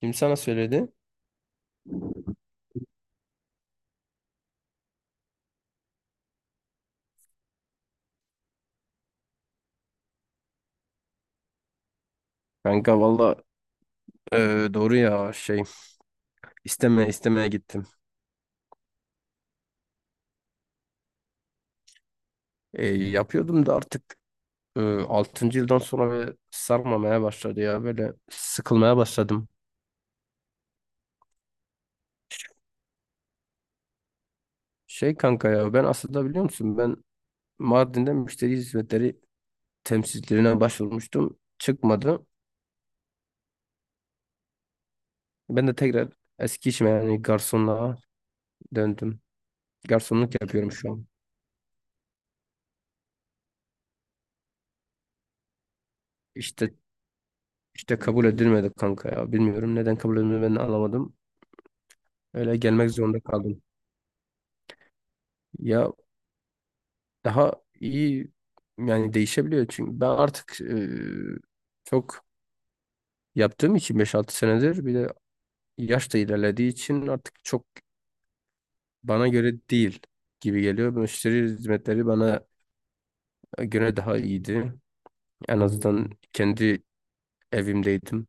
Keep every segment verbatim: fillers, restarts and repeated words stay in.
Kim sana söyledi? Kanka valla, e, doğru ya. şey istemeye istemeye gittim. E, yapıyordum da artık e, altıncı yıldan sonra böyle sarmamaya başladı ya, böyle sıkılmaya başladım. Şey kanka ya, ben aslında biliyor musun, ben Mardin'de müşteri hizmetleri temsilcilerine başvurmuştum. Çıkmadı. Ben de tekrar eski işime, yani garsonluğa döndüm. Garsonluk yapıyorum şu an. İşte işte kabul edilmedi kanka ya. Bilmiyorum neden kabul edilmedi, ben de anlamadım. Öyle gelmek zorunda kaldım. Ya daha iyi yani, değişebiliyor çünkü ben artık e, çok yaptığım için, beş altı senedir, bir de yaş da ilerlediği için artık çok bana göre değil gibi geliyor. Müşteri hizmetleri bana göre daha iyiydi. En azından kendi evimdeydim.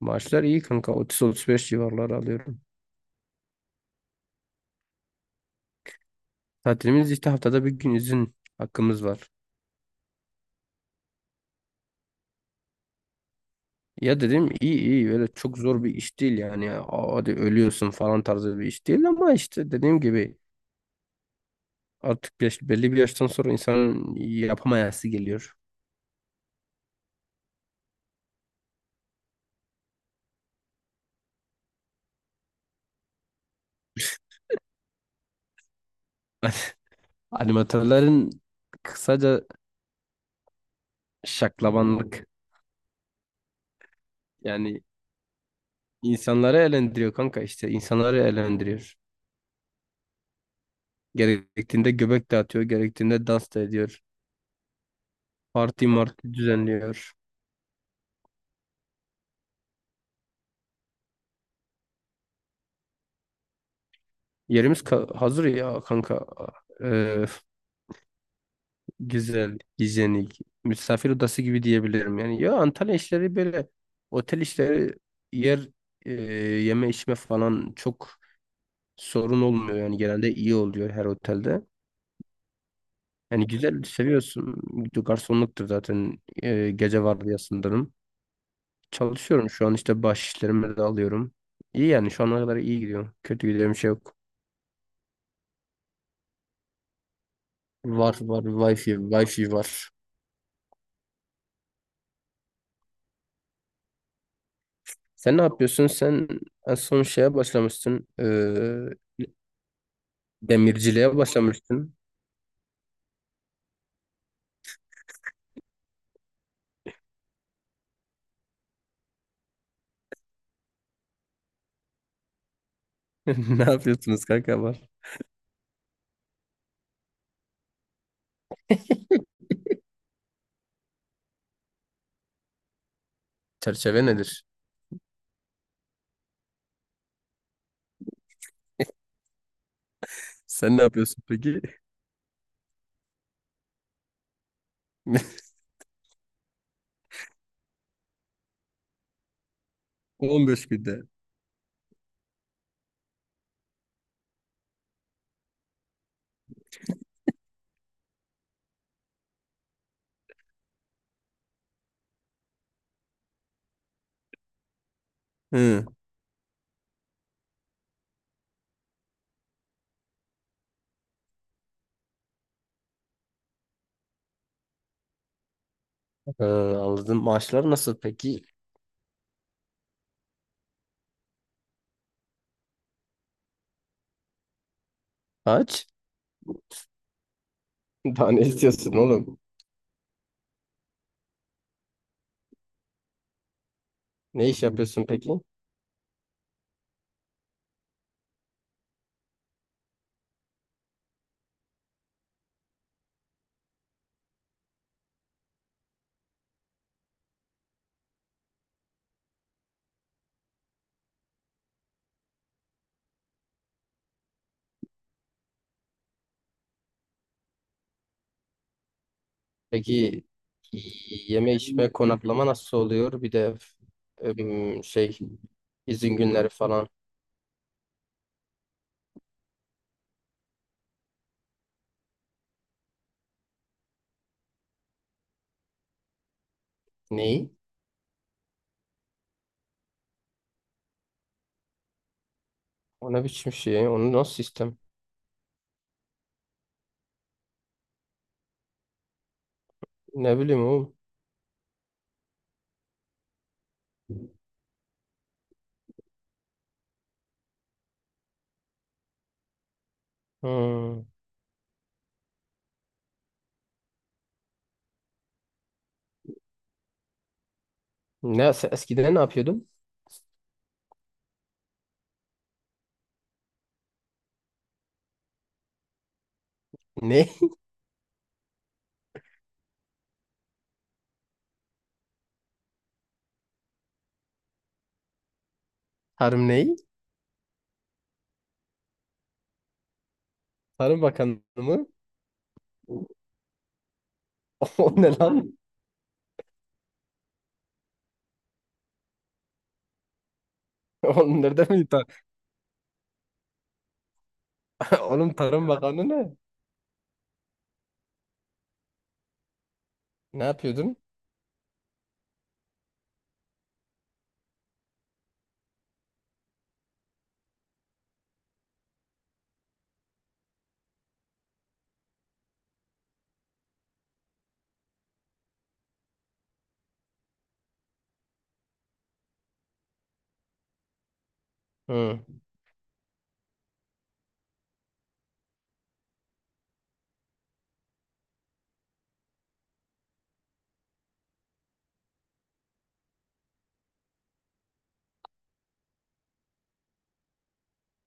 Maaşlar iyi kanka, otuz otuz beş civarları alıyorum. Tatilimiz işte haftada bir gün izin hakkımız var. Ya dedim iyi iyi, böyle çok zor bir iş değil yani ya. Aa, hadi ölüyorsun falan tarzı bir iş değil ama işte dediğim gibi artık yaş-, belli bir yaştan sonra insanın yapamayası geliyor. Animatörlerin kısaca şaklabanlık yani, insanları eğlendiriyor kanka, işte insanları eğlendiriyor. Gerektiğinde göbek dağıtıyor, gerektiğinde dans da ediyor. Parti marti düzenliyor. Yerimiz ka- hazır ya kanka. Ee, Güzel, hijyenik, misafir odası gibi diyebilirim. Yani ya Antalya işleri böyle, otel işleri, yer, e, yeme içme falan çok sorun olmuyor. Yani genelde iyi oluyor her otelde. Yani güzel, seviyorsun. Garsonluktur zaten, e, gece vardiyasındayım. Çalışıyorum şu an, işte baş işlerimi de alıyorum. İyi yani, şu ana kadar iyi gidiyor. Kötü gidiyor bir şey yok. Var var wifi wifi var. Sen ne yapıyorsun? Sen en son şeye başlamıştın. E, demirciliğe başlamıştın. Ne yapıyorsunuz kanka, var? Çerçeve nedir? Sen ne yapıyorsun peki? on beş günde. Hı. Ee, anladım. Maaşlar nasıl peki? Aç. Daha ne istiyorsun oğlum? Ne iş yapıyorsun peki? Peki yeme içme konaklama nasıl oluyor? Bir de em, şey, izin günleri falan. Neyi? O ne biçim şey? Onu nasıl sistem? Ne bileyim oğlum. Hmm. Ne, sen eskiden ne yapıyordun? Ne? Harım neyi? Tarım Bakanı mı? O ne lan? Oğlum nerede mi? Tar Oğlum Tarım Bakanı ne? Ne yapıyordun? Hı.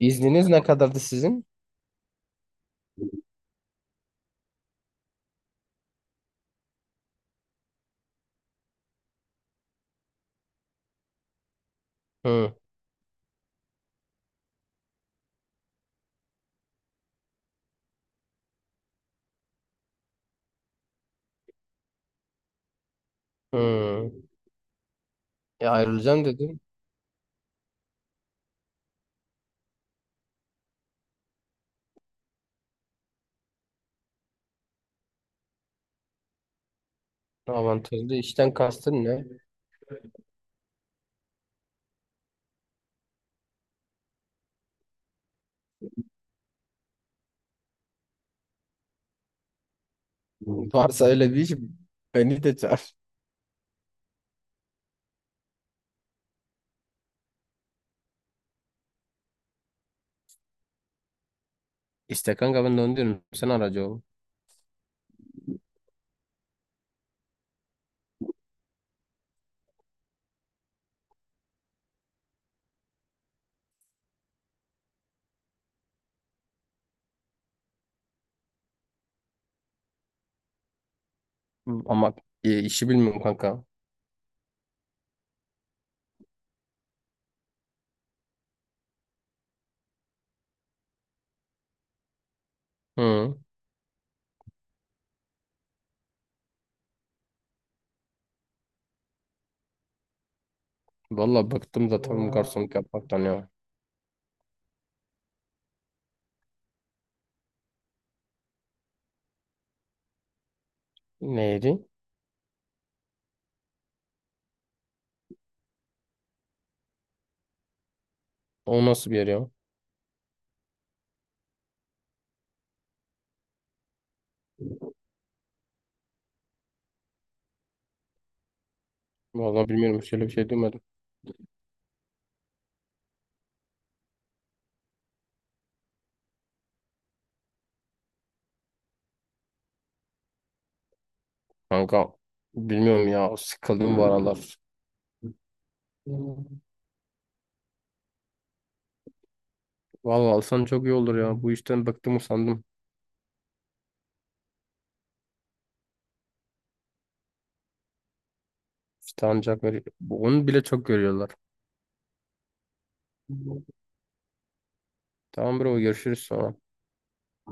İzniniz ne kadardı sizin? Hı. Hı. E, ayrılacağım dedim. Avantajlı işten kastın ne? Varsa öyle bir iş, beni de çağır. İşte kanka, ben de onu diyorum. Sen aracı ol. Ama e, işi bilmiyorum kanka. Hı. Valla bıktım zaten bu garsonluk yapmaktan ya. Neydi? O nasıl bir yer ya? Valla bilmiyorum. Şöyle bir şey duymadım. Kanka bilmiyorum ya, sıkıldım bu aralar. Vallahi alsan çok iyi olur ya. Bu işten bıktım, usandım. İşte ancak böyle- bu- onu bile çok görüyorlar. Tamam bro, görüşürüz sonra.